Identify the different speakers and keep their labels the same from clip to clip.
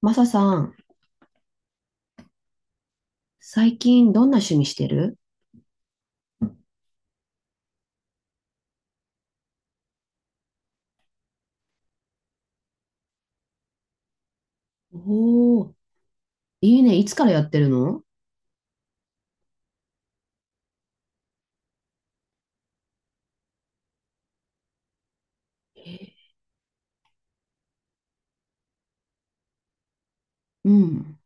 Speaker 1: マサさん、最近どんな趣味してる？おー、いいね。いつからやってるの？えうん。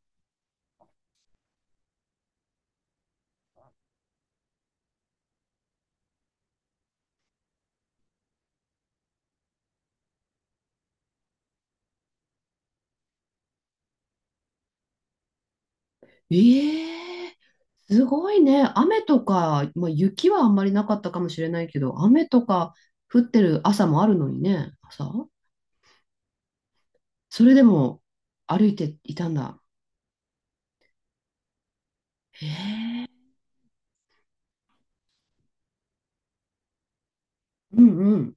Speaker 1: ええー、すごいね。雨とか、まあ、雪はあんまりなかったかもしれないけど、雨とか降ってる朝もあるのにね、朝。それでも歩いていたんだ。へえー。うんうん。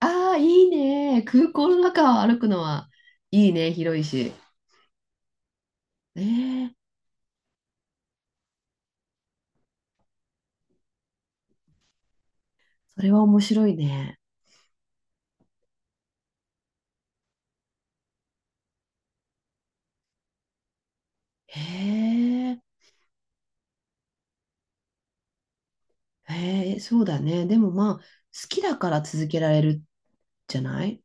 Speaker 1: ああ、いいね。空港の中を歩くのはいいね。広いし。ええー、それは面白いね。へえ。へえ、そうだね。でもまあ、好きだから続けられるじゃない？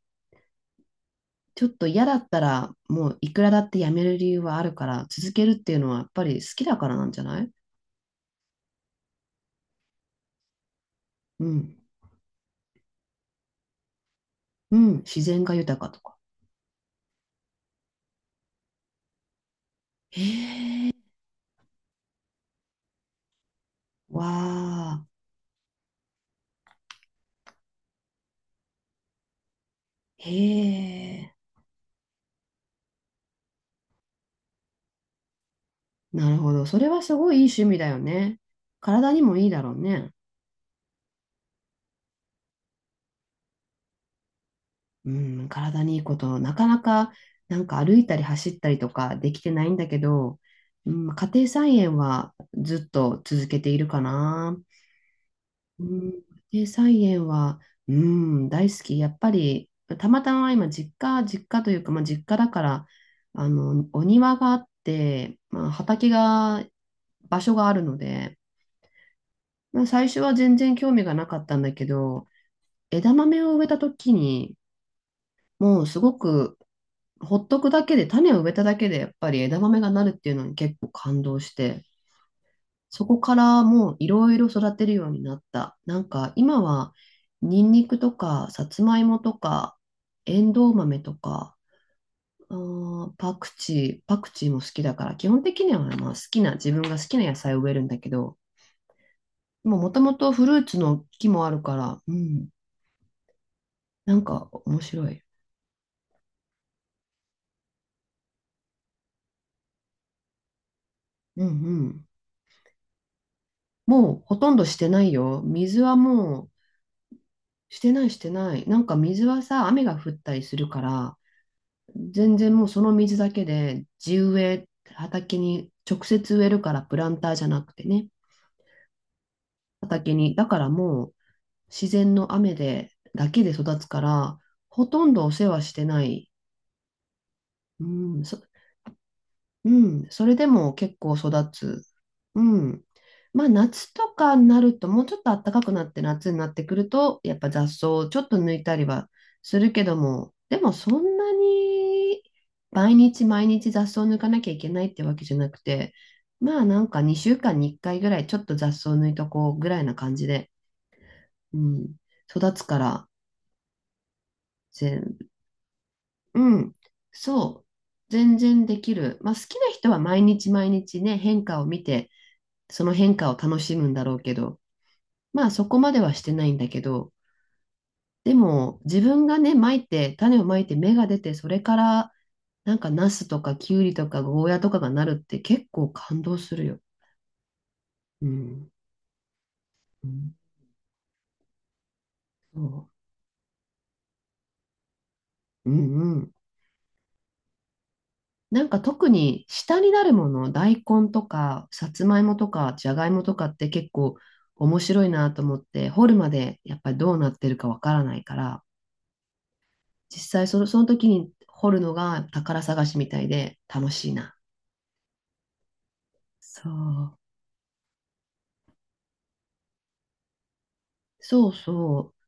Speaker 1: ちょっと嫌だったら、もういくらだってやめる理由はあるから、続けるっていうのはやっぱり好きだからなんじゃない？うん。うん。自然が豊かとか。へえ、わあ、へえ。なるほど。それはすごいいい趣味だよね。体にもいいだろうね。うん、体にいいこと、なかなか、なんか歩いたり走ったりとかできてないんだけど、うん、家庭菜園はずっと続けているかな。うん、家庭菜園は、うん、大好き。やっぱり、たまたま今、実家、実家というか、まあ、実家だから、お庭があって、まあ、畑が、場所があるので、まあ、最初は全然興味がなかったんだけど、枝豆を植えた時に、もうすごくほっとくだけで、種を植えただけで、やっぱり枝豆がなるっていうのに結構感動して、そこからもういろいろ育てるようになった。なんか今は、ニンニクとか、さつまいもとか、エンドウ豆とか、あーパクチー、パクチーも好きだから、基本的にはまあ好きな、自分が好きな野菜を植えるんだけど、もともとフルーツの木もあるから、うん、なんか面白い。うんうん。もうほとんどしてないよ。水はもう、してないしてない。なんか水はさ、雨が降ったりするから、全然もうその水だけで地植え、畑に直接植えるからプランターじゃなくてね、畑に。だからもう自然の雨で、だけで育つから、ほとんどお世話してない。うん、そうん、それでも結構育つ。うん。まあ夏とかになると、もうちょっと暖かくなって夏になってくると、やっぱ雑草をちょっと抜いたりはするけども、でもそんなに毎日毎日雑草を抜かなきゃいけないってわけじゃなくて、まあなんか2週間に1回ぐらいちょっと雑草を抜いとこうぐらいな感じで、うん、育つから、全、うん、そう、全然できる。まあ好きな人は毎日毎日ね、変化を見て、その変化を楽しむんだろうけど、まあそこまではしてないんだけど、でも自分がね、まいて、種をまいて芽が出て、それからなんかナスとかキュウリとかゴーヤとかがなるって結構感動するよ。うん。うんそううんうん。なんか特に下になるもの、大根とかさつまいもとかじゃがいもとかって結構面白いなと思って、掘るまでやっぱりどうなってるかわからないから、実際その時に掘るのが宝探しみたいで楽しいな。そう。そうそう。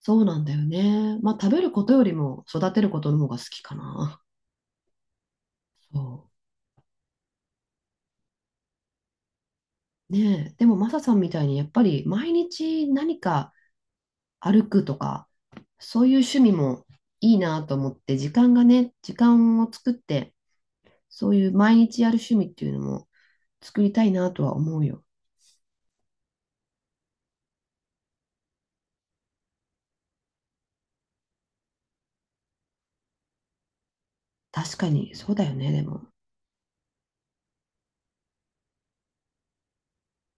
Speaker 1: そうなんだよね。まあ食べることよりも育てることの方が好きかな。そう。ねえ。でもマサさんみたいにやっぱり毎日何か歩くとか、そういう趣味もいいなと思って、時間がね、時間を作って、そういう毎日やる趣味っていうのも作りたいなとは思うよ。確かに、そうだよね、でも。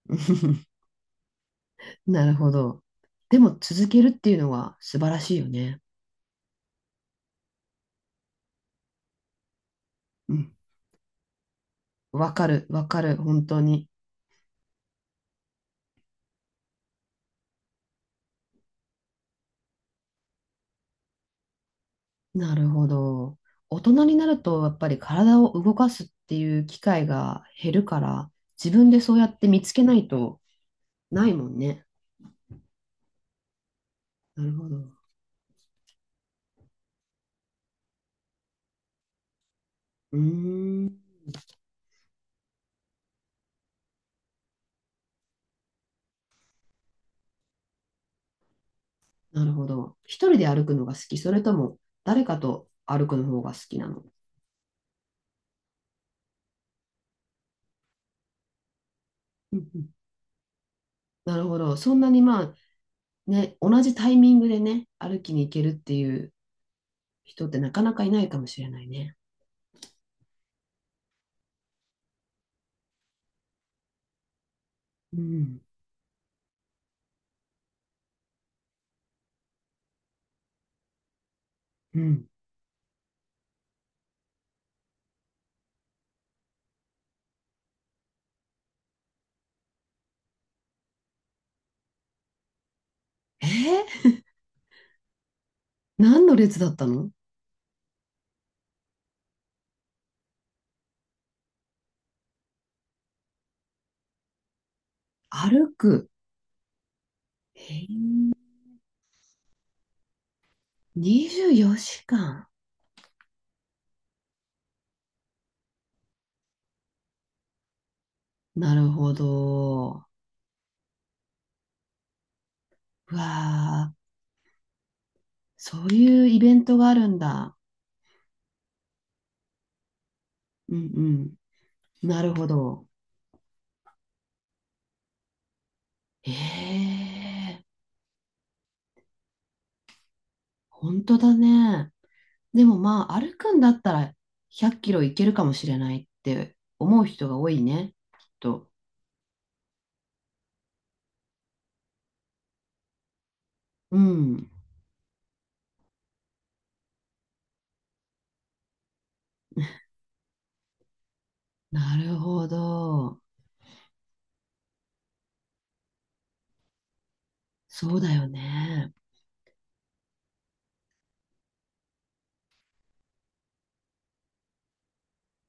Speaker 1: なるほど。でも続けるっていうのは素晴らしいよね。うん。わかる、わかる、本当に。なるほど。大人になるとやっぱり体を動かすっていう機会が減るから、自分でそうやって見つけないとないもんね。なるほど。うーん、なるほど。一人で歩くのが好き、それとも誰かと歩くの方が好きなの？うんうんなるほど。そんなにまあね、同じタイミングでね、歩きに行けるっていう人ってなかなかいないかもしれないね。うん。うん。えー、何の列だったの？歩く。えー、24時間。なるほど。うわあ、そういうイベントがあるんだ。うんうん。なるほど。ええ、本当だね。でもまあ、歩くんだったら100キロいけるかもしれないって思う人が多いね、きっと。うん。なるほど。そうだよね。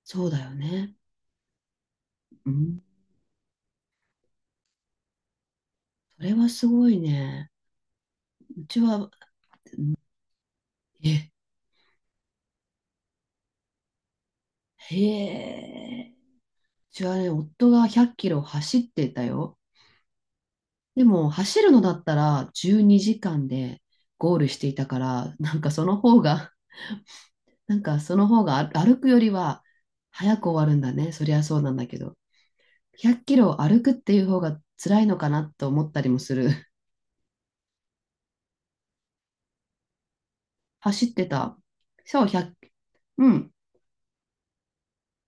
Speaker 1: そうだよね。うんそれはすごいね。うちは、え、へえ。うちはね、夫が100キロ走ってたよ。でも、走るのだったら12時間でゴールしていたから、なんかその方が、歩くよりは早く終わるんだね。そりゃそうなんだけど。100キロ歩くっていう方が辛いのかなと思ったりもする。走ってた。そう、1うん。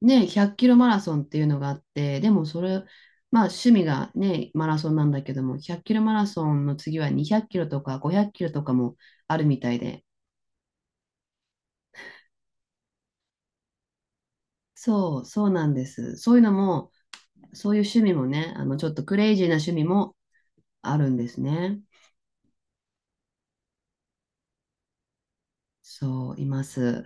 Speaker 1: ね、100キロマラソンっていうのがあって、でもそれ、まあ趣味がね、マラソンなんだけども、100キロマラソンの次は200キロとか500キロとかもあるみたいで、そう、そうなんです。そういうのも、そういう趣味もね、ちょっとクレイジーな趣味もあるんですね。そう、います。